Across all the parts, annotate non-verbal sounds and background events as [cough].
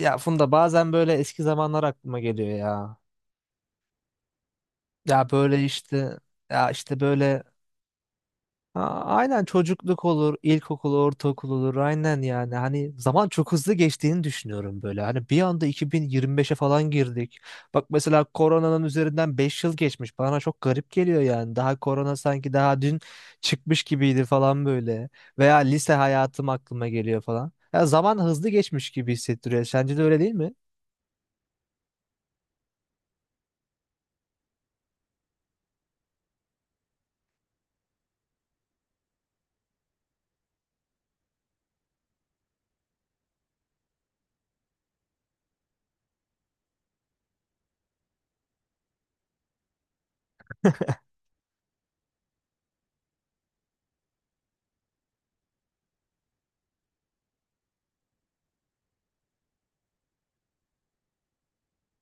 Ya Funda bazen böyle eski zamanlar aklıma geliyor ya. Ya böyle işte. Ya işte böyle. Aynen, çocukluk olur, ilkokul, ortaokul olur aynen yani. Hani zaman çok hızlı geçtiğini düşünüyorum böyle. Hani bir anda 2025'e falan girdik. Bak mesela koronanın üzerinden 5 yıl geçmiş. Bana çok garip geliyor yani. Daha korona sanki daha dün çıkmış gibiydi falan böyle. Veya lise hayatım aklıma geliyor falan. Ya zaman hızlı geçmiş gibi hissettiriyor. Sence de öyle değil mi?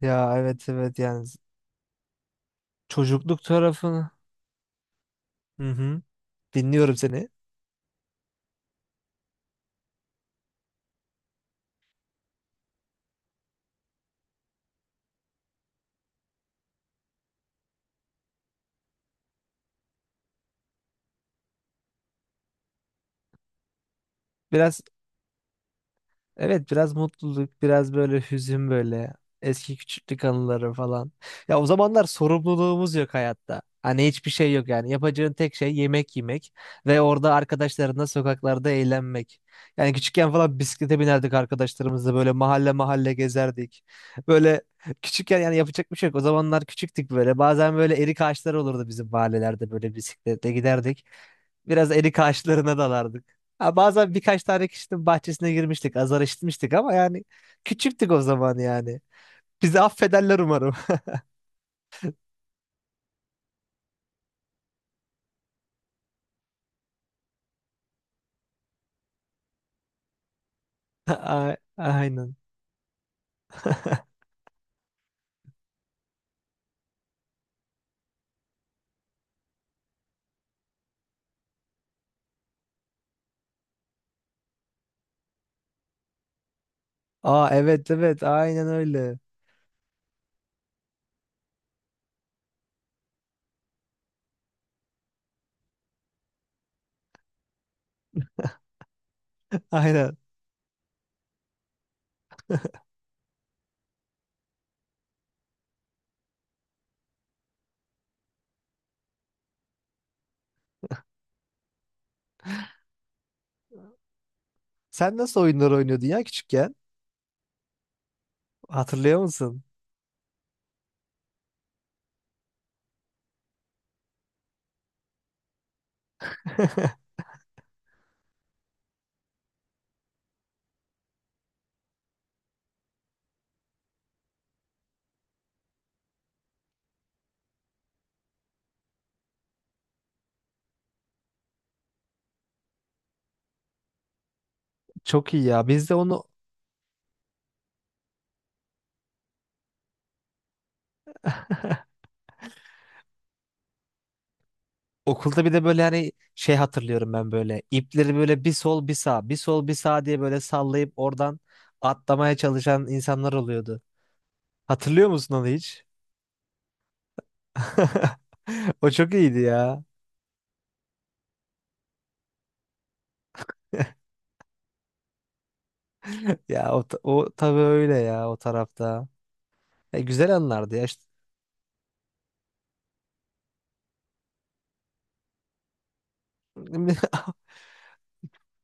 Ya, evet, evet yani çocukluk tarafını. Hı hı. Dinliyorum seni. Biraz Evet, biraz mutluluk, biraz böyle hüzün böyle. Eski küçüklük anıları falan. Ya o zamanlar sorumluluğumuz yok hayatta. Hani hiçbir şey yok yani. Yapacağın tek şey yemek yemek ve orada arkadaşlarınla sokaklarda eğlenmek. Yani küçükken falan bisiklete binerdik arkadaşlarımızla böyle mahalle mahalle gezerdik. Böyle küçükken yani yapacak bir şey yok. O zamanlar küçüktük böyle. Bazen böyle erik ağaçları olurdu bizim mahallelerde böyle bisikletle giderdik. Biraz erik ağaçlarına dalardık. Ha, bazen birkaç tane kişinin bahçesine girmiştik. Azar işitmiştik ama yani küçüktük o zaman yani. Bizi affederler umarım. [laughs] Aynen. [laughs] Aa, evet, evet, aynen öyle. [laughs] Aynen. Sen nasıl oyunlar oynuyordun ya küçükken? Hatırlıyor musun? Çok iyi ya. Biz de onu okulda bir de böyle hani şey hatırlıyorum ben böyle. İpleri böyle bir sol bir sağ, bir sol bir sağ diye böyle sallayıp oradan atlamaya çalışan insanlar oluyordu. Hatırlıyor musun onu hiç? [laughs] O çok iyiydi ya. [laughs] Ya o, o tabii öyle ya o tarafta. E, güzel anlardı ya. İşte- [laughs]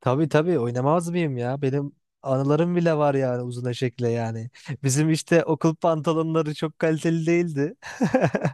Tabii, tabii, oynamaz mıyım ya? Benim anılarım bile var yani uzun eşekle yani. Bizim işte okul pantolonları çok kaliteli değildi. [laughs]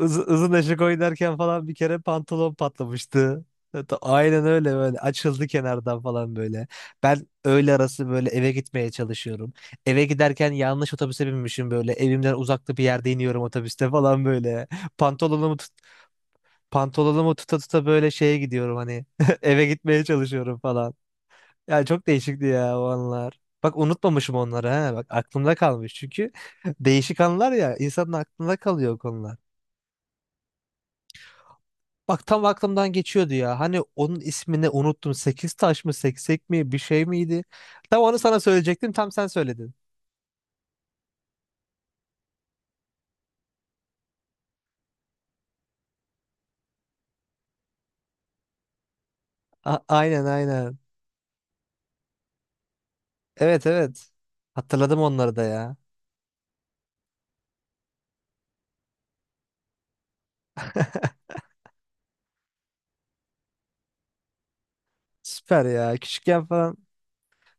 Izın eşek oynarken falan bir kere pantolon patlamıştı. Hatta aynen öyle, böyle açıldı kenardan falan böyle. Ben öğle arası böyle eve gitmeye çalışıyorum. Eve giderken yanlış otobüse binmişim böyle. Evimden uzakta bir yerde iniyorum otobüste falan böyle. Pantolonumu tut Pantolonumu tuta tuta böyle şeye gidiyorum hani. [laughs] Eve gitmeye çalışıyorum falan. Yani çok değişikti ya o anlar. Bak unutmamışım onları ha. Bak aklımda kalmış çünkü [laughs] değişik anlar ya, insanın aklında kalıyor o konular. Bak tam aklımdan geçiyordu ya. Hani onun ismini unuttum. Sekiz taş mı, seksek mi, bir şey miydi? Tam onu sana söyleyecektim. Tam sen söyledin. A- aynen, aynen. Evet, evet. Hatırladım onları da ya. Süper ya. Küçükken falan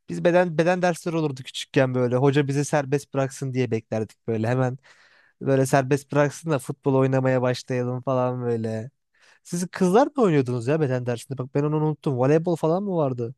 biz beden dersleri olurdu küçükken böyle. Hoca bizi serbest bıraksın diye beklerdik böyle. Hemen böyle serbest bıraksın da futbol oynamaya başlayalım falan böyle. Siz kızlar mı oynuyordunuz ya beden dersinde? Bak ben onu unuttum. Voleybol falan mı vardı?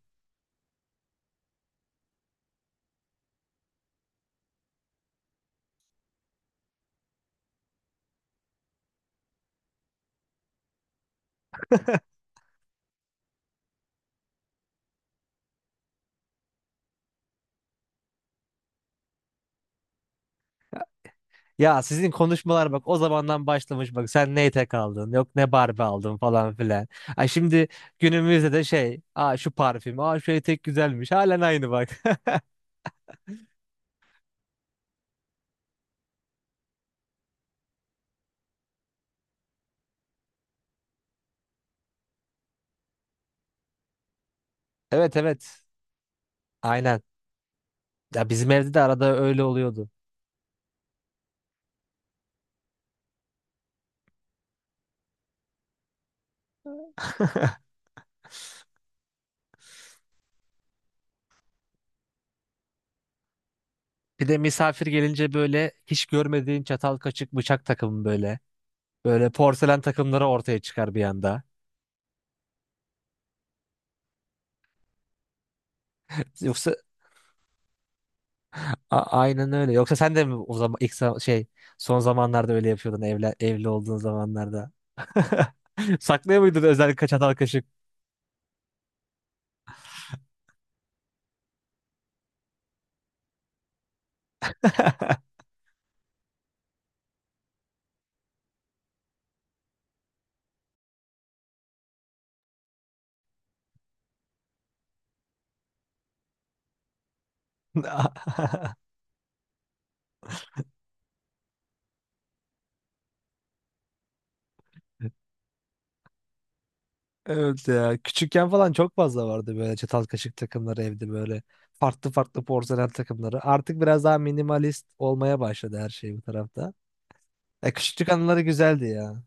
Ya sizin konuşmalar bak o zamandan başlamış, bak sen ne etek aldın, yok ne Barbie aldın falan filan. Ay şimdi günümüzde de şey, aa şu parfüm, aa şu etek güzelmiş, halen aynı bak. [laughs] Evet, evet, aynen. Ya bizim evde de arada öyle oluyordu. [laughs] Bir de misafir gelince böyle hiç görmediğin çatal kaşık bıçak takımı böyle. Böyle porselen takımları ortaya çıkar bir anda. Yoksa A- aynen öyle. Yoksa sen de mi o zaman ilk şey, son zamanlarda öyle yapıyordun evli olduğun zamanlarda? [laughs] Saklıyor muydun özellikle çatal kaşık? [laughs] Evet ya. Küçükken falan çok fazla vardı böyle çatal kaşık takımları evde böyle. Farklı farklı porselen takımları. Artık biraz daha minimalist olmaya başladı her şey bu tarafta. Ya küçüklük anıları güzeldi ya.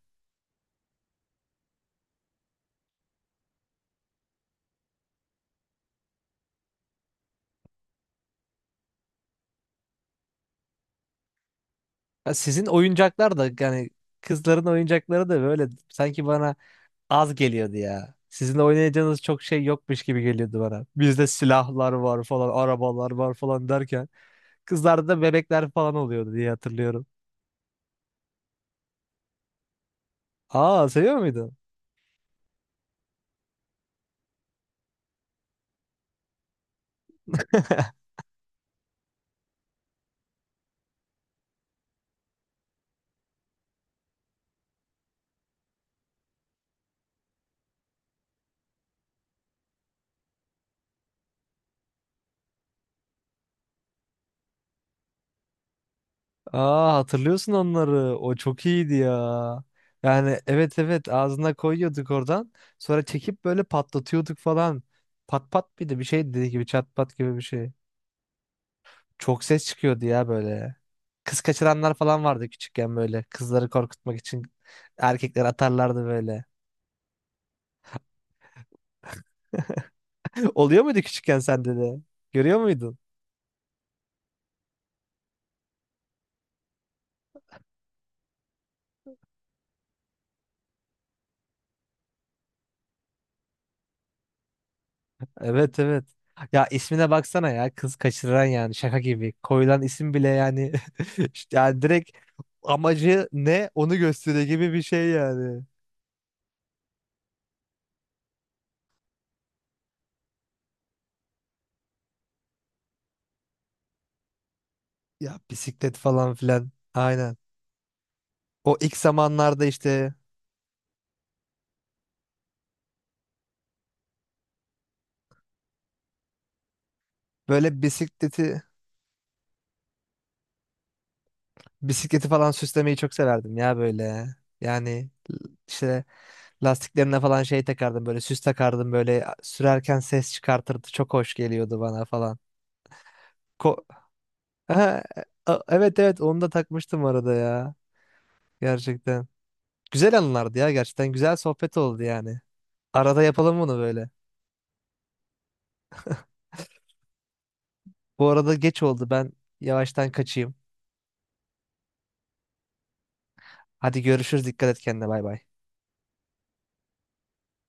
Ya sizin oyuncaklar da yani kızların oyuncakları da böyle sanki bana az geliyordu ya. Sizin oynayacağınız çok şey yokmuş gibi geliyordu bana. Bizde silahlar var falan, arabalar var falan derken kızlarda da bebekler falan oluyordu diye hatırlıyorum. Aa, seviyor muydun? [laughs] Aa, hatırlıyorsun onları. O çok iyiydi ya. Yani, evet, evet, ağzına koyuyorduk oradan. Sonra çekip böyle patlatıyorduk falan. Pat pat, bir de bir şey dediği gibi çat pat gibi bir şey. Çok ses çıkıyordu ya böyle. Kız kaçıranlar falan vardı küçükken böyle. Kızları korkutmak için erkekler atarlardı böyle. [laughs] Oluyor muydu küçükken sende de? Görüyor muydun? Evet, evet. Ya ismine baksana ya, kız kaçıran, yani şaka gibi. Koyulan isim bile yani [laughs] işte yani direkt amacı ne onu gösteriyor gibi bir şey yani. Ya bisiklet falan filan. Aynen. O ilk zamanlarda işte böyle bisikleti falan süslemeyi çok severdim ya böyle. Yani işte lastiklerine falan şey takardım, böyle süs takardım, böyle sürerken ses çıkartırdı. Çok hoş geliyordu bana falan. Ko [laughs] Ha, evet, evet, onu da takmıştım arada ya. Gerçekten. Güzel anılardı ya gerçekten. Güzel sohbet oldu yani. Arada yapalım bunu böyle. Bu arada geç oldu, ben yavaştan kaçayım. Hadi görüşürüz, dikkat et kendine, bay bay.